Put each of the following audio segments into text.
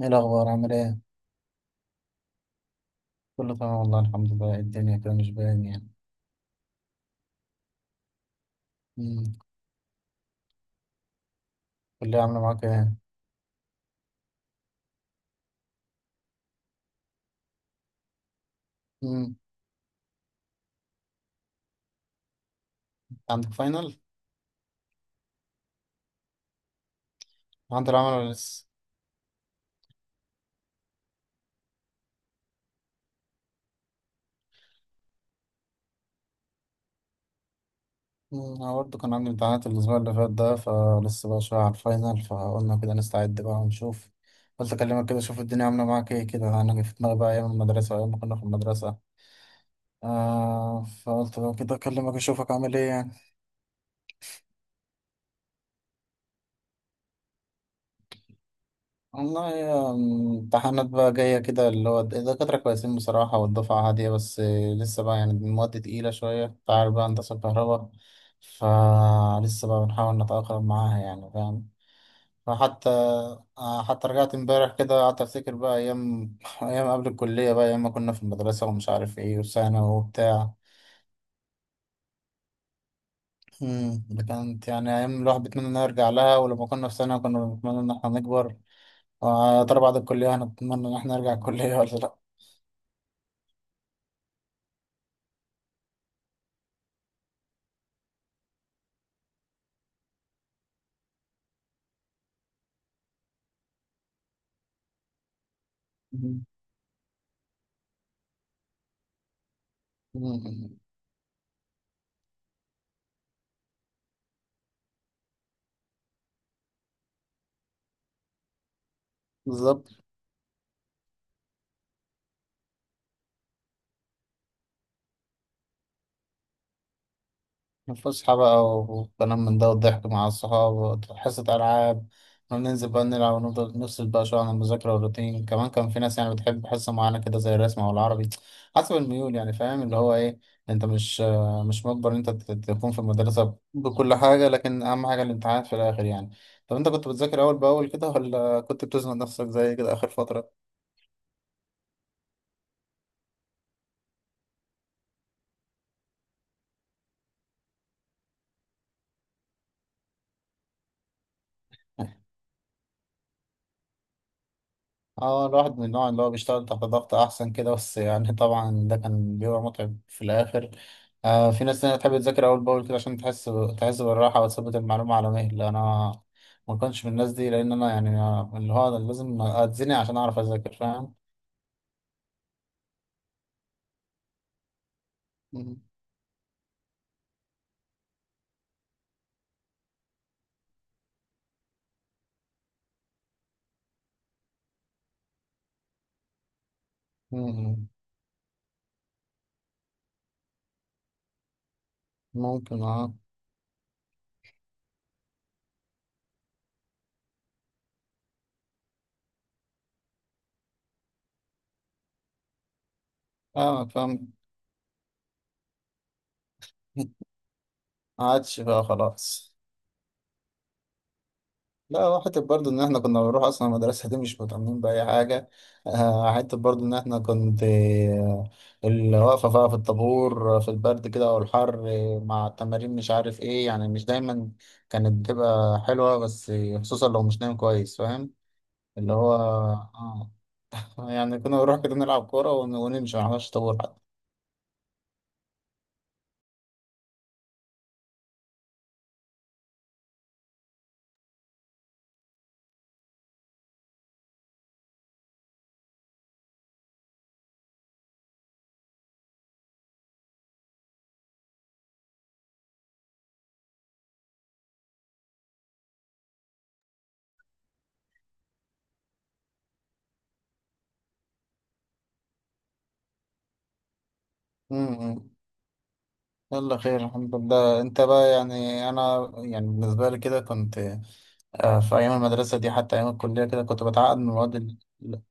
ايه الأخبار؟ عامل ايه؟ كله تمام والله، الحمد لله. إيه الدنيا كده مش باين يعني. امم كلية عاملة معاك ايه؟ امم عندك فاينل؟ عندي العمل ولا لسه؟ أنا برضه كان عندي امتحانات الأسبوع اللي فات ده، فلسه بقى شوية على الفاينل، فقلنا كده نستعد بقى ونشوف. قلت أكلمك كده أشوف الدنيا عاملة معاك ايه كده، أنا جه في دماغي بقى أيام المدرسة وأيام ما كنا في المدرسة. آه، فقلت بقى كده أكلمك أشوفك عامل ايه يعني. والله يا امتحانات بقى جاية كده، اللي هو الدكاترة كويسين بصراحة والدفعة هادية، بس لسه بقى يعني المواد تقيلة شوية، أنت عارف بقى هندسة الكهرباء، فلسه بقى بنحاول نتأقلم معاها يعني، فاهم. فحتى حتى رجعت امبارح كده قعدت أفتكر بقى أيام قبل الكلية بقى، أيام ما كنا في المدرسة ومش عارف إيه، وثانوي وبتاع. ده كانت يعني أيام الواحد بيتمنى إنه يرجع لها، ولما كنا في ثانوي كنا بنتمنى إن إحنا نكبر، ويا ترى بعد الكلية هنتمنى إن إحنا نرجع الكلية ولا لأ. مم. بالظبط. فسحة بقى وكلام من ده، والضحك مع الصحاب، حصة ألعاب، وننزل بقى نلعب ونفضل نفصل بقى شوية عن المذاكرة والروتين. كمان كان في ناس يعني بتحب حصة معينة كده زي الرسم أو العربي، حسب الميول يعني، فاهم اللي هو إيه. أنت مش مجبر إن أنت تكون في المدرسة بكل حاجة، لكن أهم حاجة الامتحانات في الآخر يعني. طب أنت كنت بتذاكر أول بأول كده ولا كنت بتزنق نفسك زي كده آخر فترة؟ اه، الواحد من النوع اللي هو بيشتغل تحت ضغط احسن كده، بس يعني طبعا ده كان بيبقى متعب في الاخر. آه، في ناس تانية تحب تذاكر اول باول كده عشان تحس بالراحه وتثبت المعلومه على مهل. انا ما كنتش من الناس دي، لان انا يعني اللي هو أنا لازم اتزنق عشان اعرف اذاكر، فاهم. مم. مم. ممكن، اه. فاهمك، فاهم. ما عادش بقى خلاص. لا، هو حتة برضه إن إحنا كنا بنروح أصلا المدرسة دي مش مهتمين بأي حاجة. آه، حتة برضه إن إحنا كنت، اللي واقفة بقى في الطابور، في البرد كده والحر، مع التمارين مش عارف إيه يعني، مش دايما كانت بتبقى حلوة، بس خصوصا لو مش نايم كويس، فاهم اللي هو آه. يعني كنا بنروح كده نلعب كورة ونمشي، ما نعملش طابور حتى. م- م. يلا خير الحمد لله. أنت بقى يعني، أنا يعني بالنسبة لي كده كنت، في أيام المدرسة دي حتى أيام الكلية كده،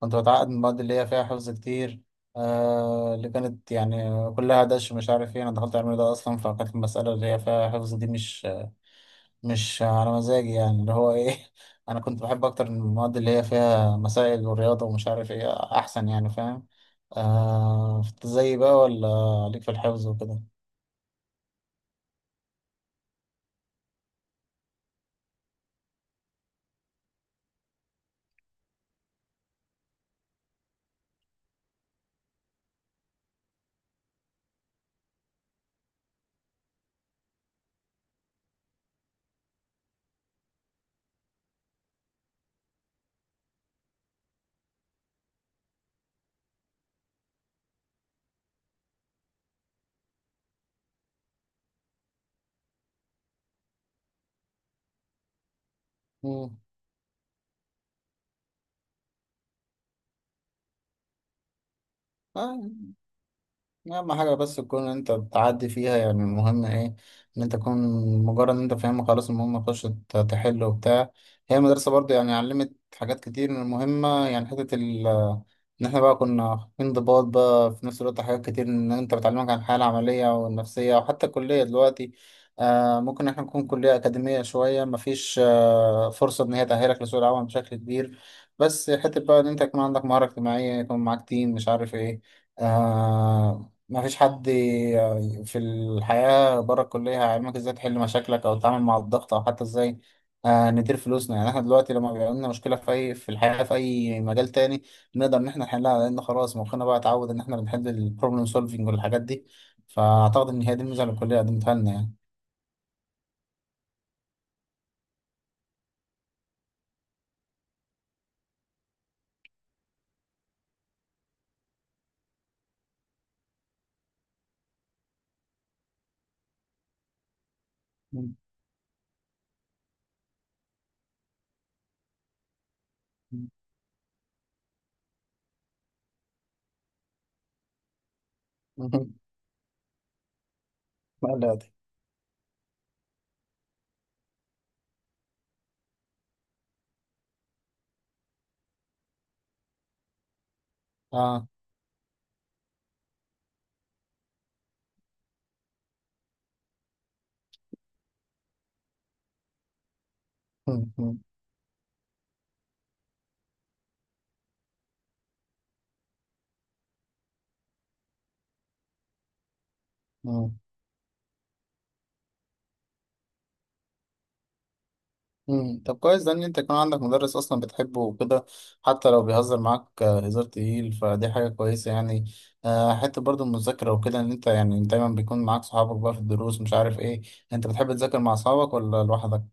كنت بتعقد من المواد اللي هي فيها حفظ كتير. آه، اللي كانت يعني كلها دش مش عارف ايه، أنا دخلت علم ده أصلا، فكانت المسألة اللي هي فيها حفظ دي مش على مزاجي يعني، اللي هو ايه. أنا كنت بحب أكتر المواد اللي هي فيها مسائل ورياضة ومش عارف ايه، أحسن يعني، فاهم. آه، زي بقى ولا عليك في الحفظ وكده. مم. اهم حاجه بس تكون انت بتعدي فيها يعني. المهم ايه؟ ان انت تكون، مجرد ان انت فاهمها خلاص، المهم تخش تحل وبتاع. هي المدرسه برضو يعني علمت حاجات كتير من المهمه يعني، حته ان احنا بقى كنا في انضباط بقى. في نفس الوقت حاجات كتير ان انت بتعلمك عن الحياه العمليه والنفسيه. وحتى الكليه دلوقتي، آه، ممكن احنا نكون كليه اكاديميه شويه، مفيش آه فرصه ان هي تاهلك لسوق العمل بشكل كبير، بس حته بقى ان انت يكون عندك مهاره اجتماعيه، يكون معاك تيم مش عارف ايه. آه، ما فيش حد في الحياة بره الكلية هيعلمك ازاي تحل مشاكلك أو تتعامل مع الضغط أو حتى ازاي، ندير فلوسنا. يعني احنا دلوقتي لما بيبقى لنا مشكلة في أي، في الحياة في أي مجال تاني، بنقدر إن احنا نحلها، لأن خلاص مخنا بقى اتعود إن احنا بنحل البروبلم سولفينج والحاجات دي. فأعتقد إن هي دي الميزة اللي الكلية قدمتها لنا يعني. لا، لا دي. اه. طب كويس ده ان انت يكون عندك مدرس اصلا بتحبه وكده، حتى لو بيهزر معاك هزار تقيل، فدي حاجه كويسه يعني. حته برضو المذاكره وكده، ان انت يعني دايما بيكون معاك صحابك بقى في الدروس مش عارف ايه. انت بتحب تذاكر مع اصحابك ولا لوحدك؟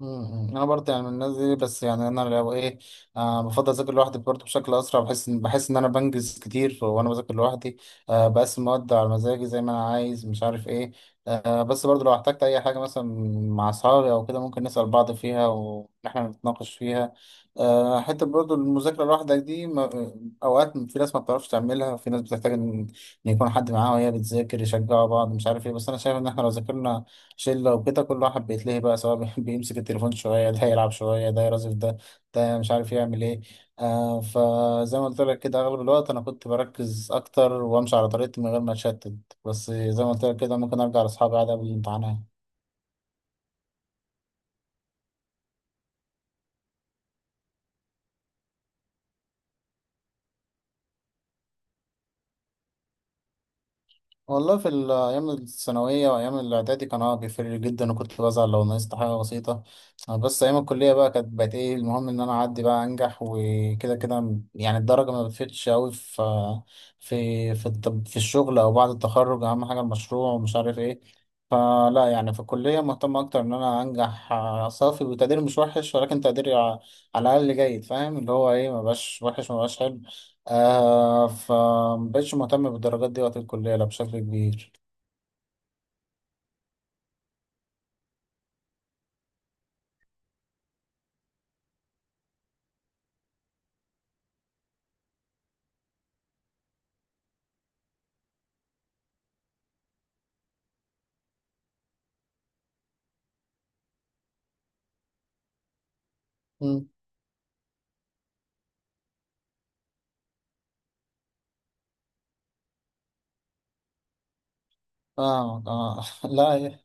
انا برضه يعني من الناس دي، بس يعني انا لو ايه، آه، بفضل اذاكر لوحدي برضه بشكل اسرع. بحس ان انا بنجز كتير وانا بذاكر لوحدي. آه، بقسم المواد على مزاجي زي ما انا عايز مش عارف ايه. آه، بس برضه لو احتجت اي حاجه مثلا مع اصحابي او كده ممكن نسال بعض فيها واحنا نتناقش فيها. آه، حته برضه المذاكره لوحدك دي، ما اوقات في ناس ما بتعرفش تعملها، في ناس بتحتاج ان يكون حد معاها وهي بتذاكر يشجعوا بعض مش عارف ايه. بس انا شايف ان احنا لو ذاكرنا شلة وكده كل واحد بيتلهي بقى، سواء بيمسك التليفون شوية، ده يلعب شوية، ده يرازف ده، ده مش عارف يعمل ايه. آه، فزي ما قلت لك كده، أغلب الوقت أنا كنت بركز أكتر وأمشي على طريقتي من غير ما أتشتت. بس زي ما قلت لك كده، ممكن أرجع لأصحابي عادي قبل الامتحانات. أيام الثانوية وأيام الإعدادي كان اه بيفرق جدا، وكنت بزعل لو نقصت حاجة بسيطة. بس أيام الكلية بقى كانت بقت إيه المهم إن أنا أعدي بقى أنجح وكده كده يعني. الدرجة ما بتفرقش أوي في، في الشغل أو بعد التخرج أهم حاجة المشروع ومش عارف إيه. فلا يعني في الكلية مهتم أكتر إن أنا أنجح، صافي، وتقدير مش وحش، ولكن تقديري على الأقل جيد، فاهم اللي هو إيه، مبقاش وحش مبقاش حلو. آه، فمبقتش مهتم بالدرجات دي وقت الكلية لا بشكل كبير. مم. اه. اه. لا،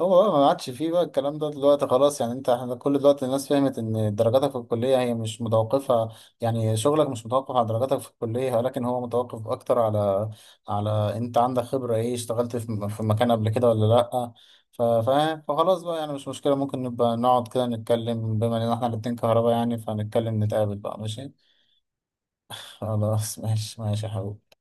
هو بقى ما عادش فيه بقى الكلام ده دلوقتي خلاص يعني. انت، احنا كل دلوقتي الناس فهمت ان درجاتك في الكلية هي مش متوقفة، يعني شغلك مش متوقف على درجاتك في الكلية، ولكن هو متوقف اكتر على، على انت عندك خبرة ايه، اشتغلت في مكان قبل كده ولا لا. فاهم. فخلاص بقى يعني، مش مشكلة، ممكن نبقى نقعد كده نتكلم، بما ان احنا الاتنين كهرباء يعني، فنتكلم، نتقابل بقى ماشي. خلاص ماشي، ماشي يا حبيبي.